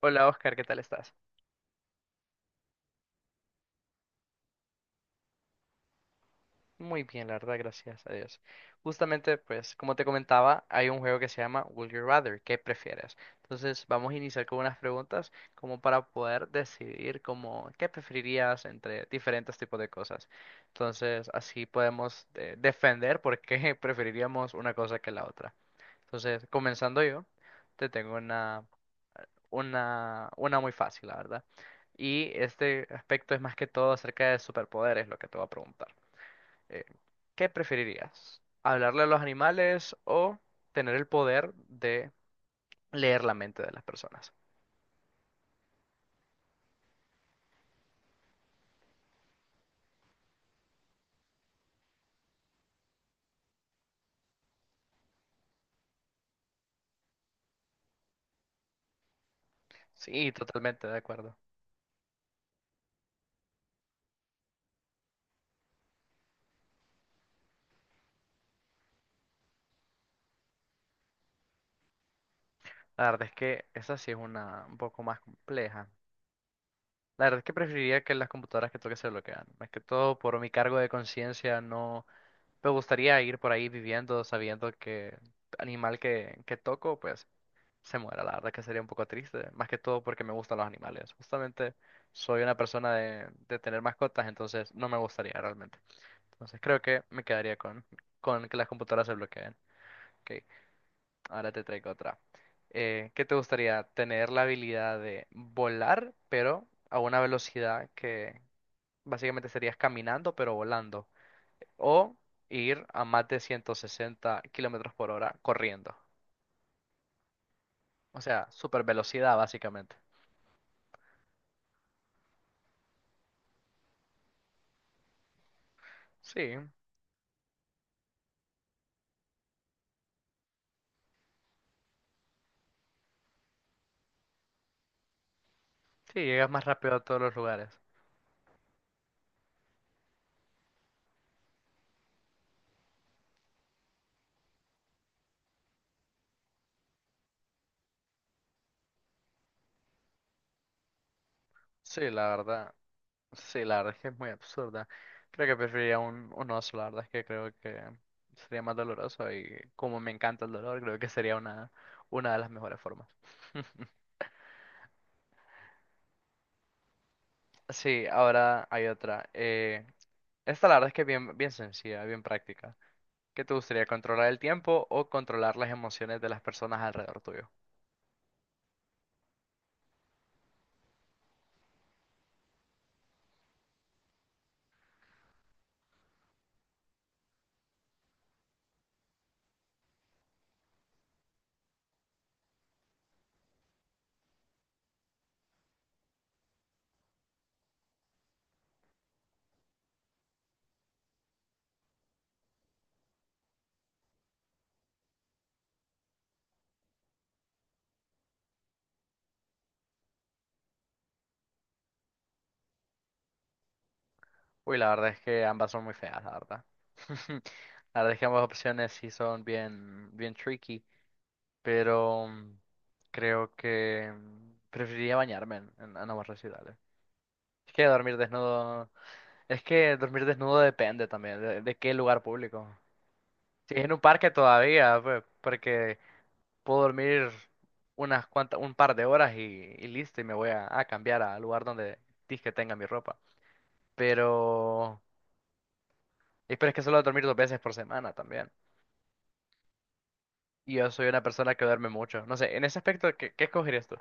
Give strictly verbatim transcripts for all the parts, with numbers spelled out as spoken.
Hola Oscar, ¿qué tal estás? Muy bien, la verdad, gracias a Dios. Justamente, pues, como te comentaba, hay un juego que se llama Would You Rather, ¿qué prefieres? Entonces, vamos a iniciar con unas preguntas como para poder decidir como qué preferirías entre diferentes tipos de cosas. Entonces, así podemos eh, defender por qué preferiríamos una cosa que la otra. Entonces, comenzando yo, te tengo una, una, una muy fácil, la verdad. Y este aspecto es más que todo acerca de superpoderes, lo que te voy a preguntar. Eh, ¿qué preferirías? ¿Hablarle a los animales o tener el poder de leer la mente de las personas? Sí, totalmente de acuerdo. La verdad es que esa sí es una un poco más compleja. La verdad es que preferiría que las computadoras que toque se bloquean. Más que todo por mi cargo de conciencia, no me gustaría ir por ahí viviendo sabiendo que animal que, que toco, pues se muera, la verdad que sería un poco triste, más que todo porque me gustan los animales. Justamente soy una persona de, de tener mascotas, entonces no me gustaría realmente. Entonces creo que me quedaría con, con que las computadoras se bloqueen. Ok, ahora te traigo otra. Eh, ¿qué te gustaría? Tener la habilidad de volar, pero a una velocidad que básicamente serías caminando, pero volando. O ir a más de ciento sesenta kilómetros por hora corriendo. O sea, super velocidad básicamente. Sí. Sí, llegas más rápido a todos los lugares. Sí, la verdad. Sí, la verdad es que es muy absurda. Creo que preferiría un, un oso, la verdad es que creo que sería más doloroso y como me encanta el dolor, creo que sería una, una de las mejores formas. Sí, ahora hay otra. Eh, esta la verdad es que es bien, bien sencilla, bien práctica. ¿Qué te gustaría, controlar el tiempo o controlar las emociones de las personas alrededor tuyo? Uy, la verdad es que ambas son muy feas, la verdad. La verdad es que ambas opciones sí son bien, bien tricky. Pero mm, creo que mm, preferiría bañarme en, en, en aguas residuales. Es que dormir desnudo, es que dormir desnudo depende también de, de qué lugar público. Si es en un parque todavía, pues, porque puedo dormir unas cuantas, un par de horas y, y listo, y me voy a, a cambiar al lugar donde que tenga mi ropa. Pero, y pero es que solo dormir dos veces por semana también. Y yo soy una persona que duerme mucho. No sé, en ese aspecto, ¿qué, qué escogerías tú?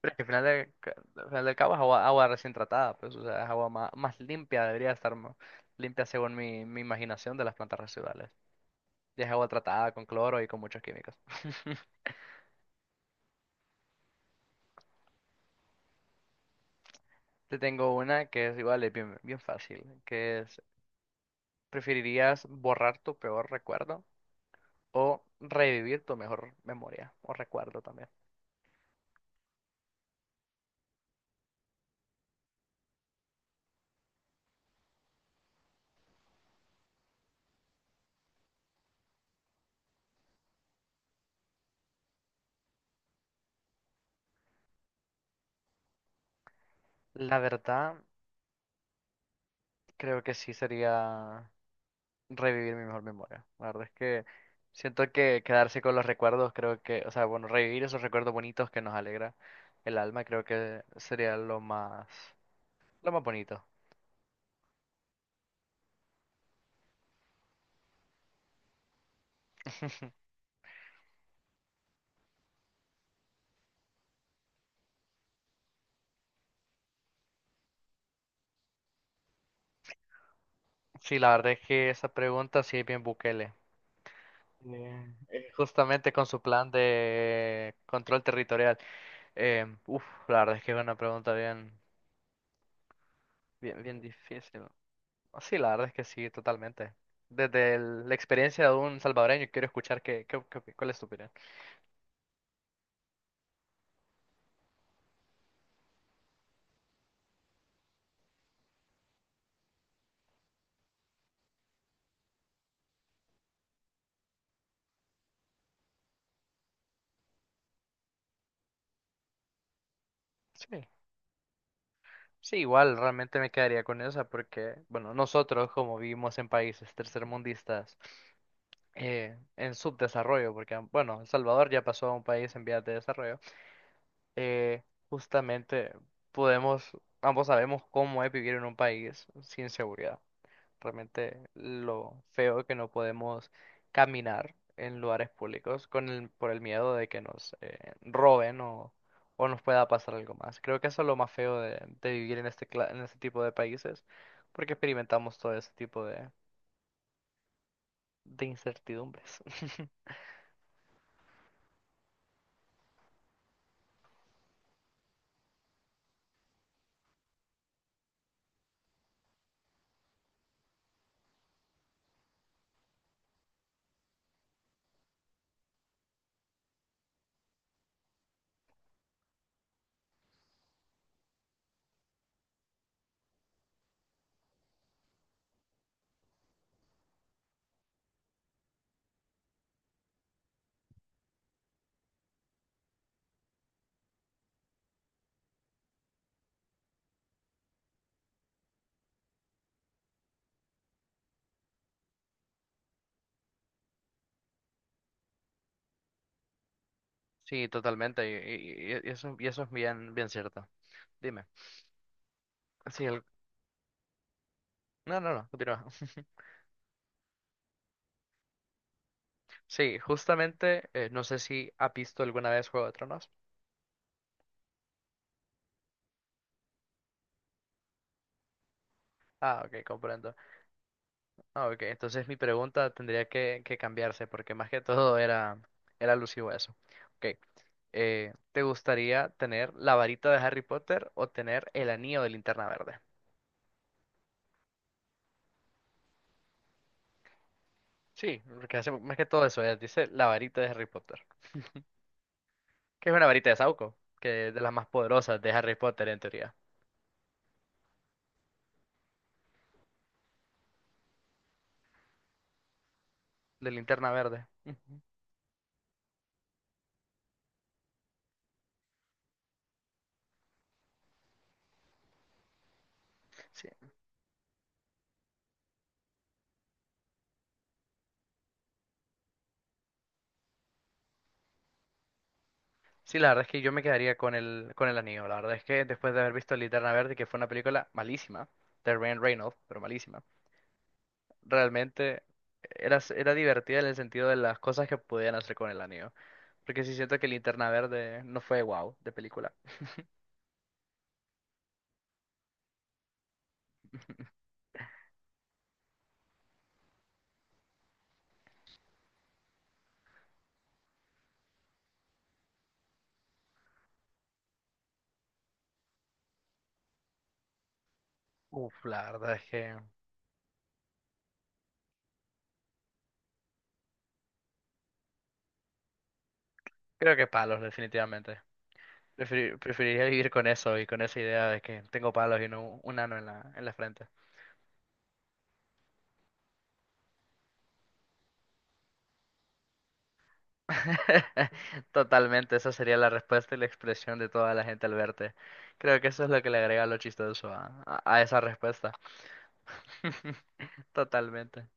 Pero es que al final del, ca- al final del cabo es agua, agua recién tratada, pues, o sea, es agua más, más limpia, debería estar más limpia según mi, mi imaginación de las plantas residuales. Y es agua tratada con cloro y con muchos químicos. Te tengo una que es igual, es bien, bien fácil, que es, ¿preferirías borrar tu peor recuerdo o revivir tu mejor memoria o recuerdo también? La verdad, creo que sí sería... revivir mi mejor memoria. La verdad es que siento que quedarse con los recuerdos, creo que, o sea, bueno, revivir esos recuerdos bonitos que nos alegra el alma, creo que sería lo más, lo más bonito. Sí, la verdad es que esa pregunta sí es bien Bukele. Eh, eh, Justamente con su plan de control territorial. Eh, uf, la verdad es que es una pregunta bien, bien, bien difícil. Sí, la verdad es que sí, totalmente. Desde el- la experiencia de un salvadoreño, quiero escuchar qué, qué, qué- cuál es tu opinión. Sí. Sí, igual realmente me quedaría con esa porque, bueno, nosotros como vivimos en países tercermundistas eh, en subdesarrollo, porque, bueno, El Salvador ya pasó a un país en vías de desarrollo, eh, justamente podemos, ambos sabemos cómo es vivir en un país sin seguridad realmente lo feo que no podemos caminar en lugares públicos con el, por el miedo de que nos eh, roben o, o nos pueda pasar algo más. Creo que eso es lo más feo de, de vivir en este, cla- en este tipo de países, porque experimentamos todo ese tipo de, de incertidumbres. Sí, totalmente, y, y- y- eso, y eso es bien, bien cierto. Dime. Sí, el- no, no, no, continúa. Sí, justamente, eh, no sé si ha visto alguna vez Juego de Tronos. Ah, ok, comprendo. Ah, ok, entonces mi pregunta tendría que, que cambiarse porque más que todo era, era alusivo a eso. Ok, eh, ¿te gustaría tener la varita de Harry Potter o tener el anillo de Linterna Verde? Sí, porque hace más que todo eso, eh, dice la varita de Harry Potter, que es una varita de Sauco, que es de las más poderosas de Harry Potter en teoría, de Linterna Verde. Ujú. Sí. Sí, la verdad es que yo me quedaría con el, con el anillo, la verdad es que después de haber visto Linterna Verde, que fue una película malísima, de Ryan Reynolds, pero malísima. Realmente era, era divertida en el sentido de las cosas que podían hacer con el anillo. Porque sí siento que Linterna Verde no fue wow de película. Uf, la verdad es que creo que palos, definitivamente. Preferi- preferiría vivir con eso y con esa idea de que tengo palos y no un ano en la, en la frente. Totalmente, esa sería la respuesta y la expresión de toda la gente al verte. Creo que eso es lo que le agrega lo chistoso a, a a esa respuesta. Totalmente.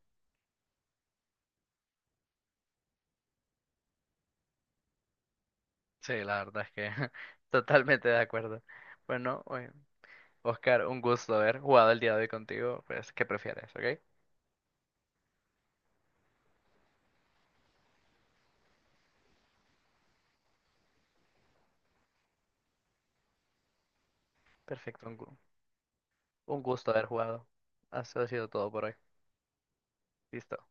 Sí, la verdad es que totalmente de acuerdo. Bueno, oye, Oscar, un gusto haber jugado el día de hoy contigo. Pues, ¿qué prefieres? ¿Ok? Perfecto, un, gu- un gusto haber jugado. Eso ha sido todo por hoy. Listo.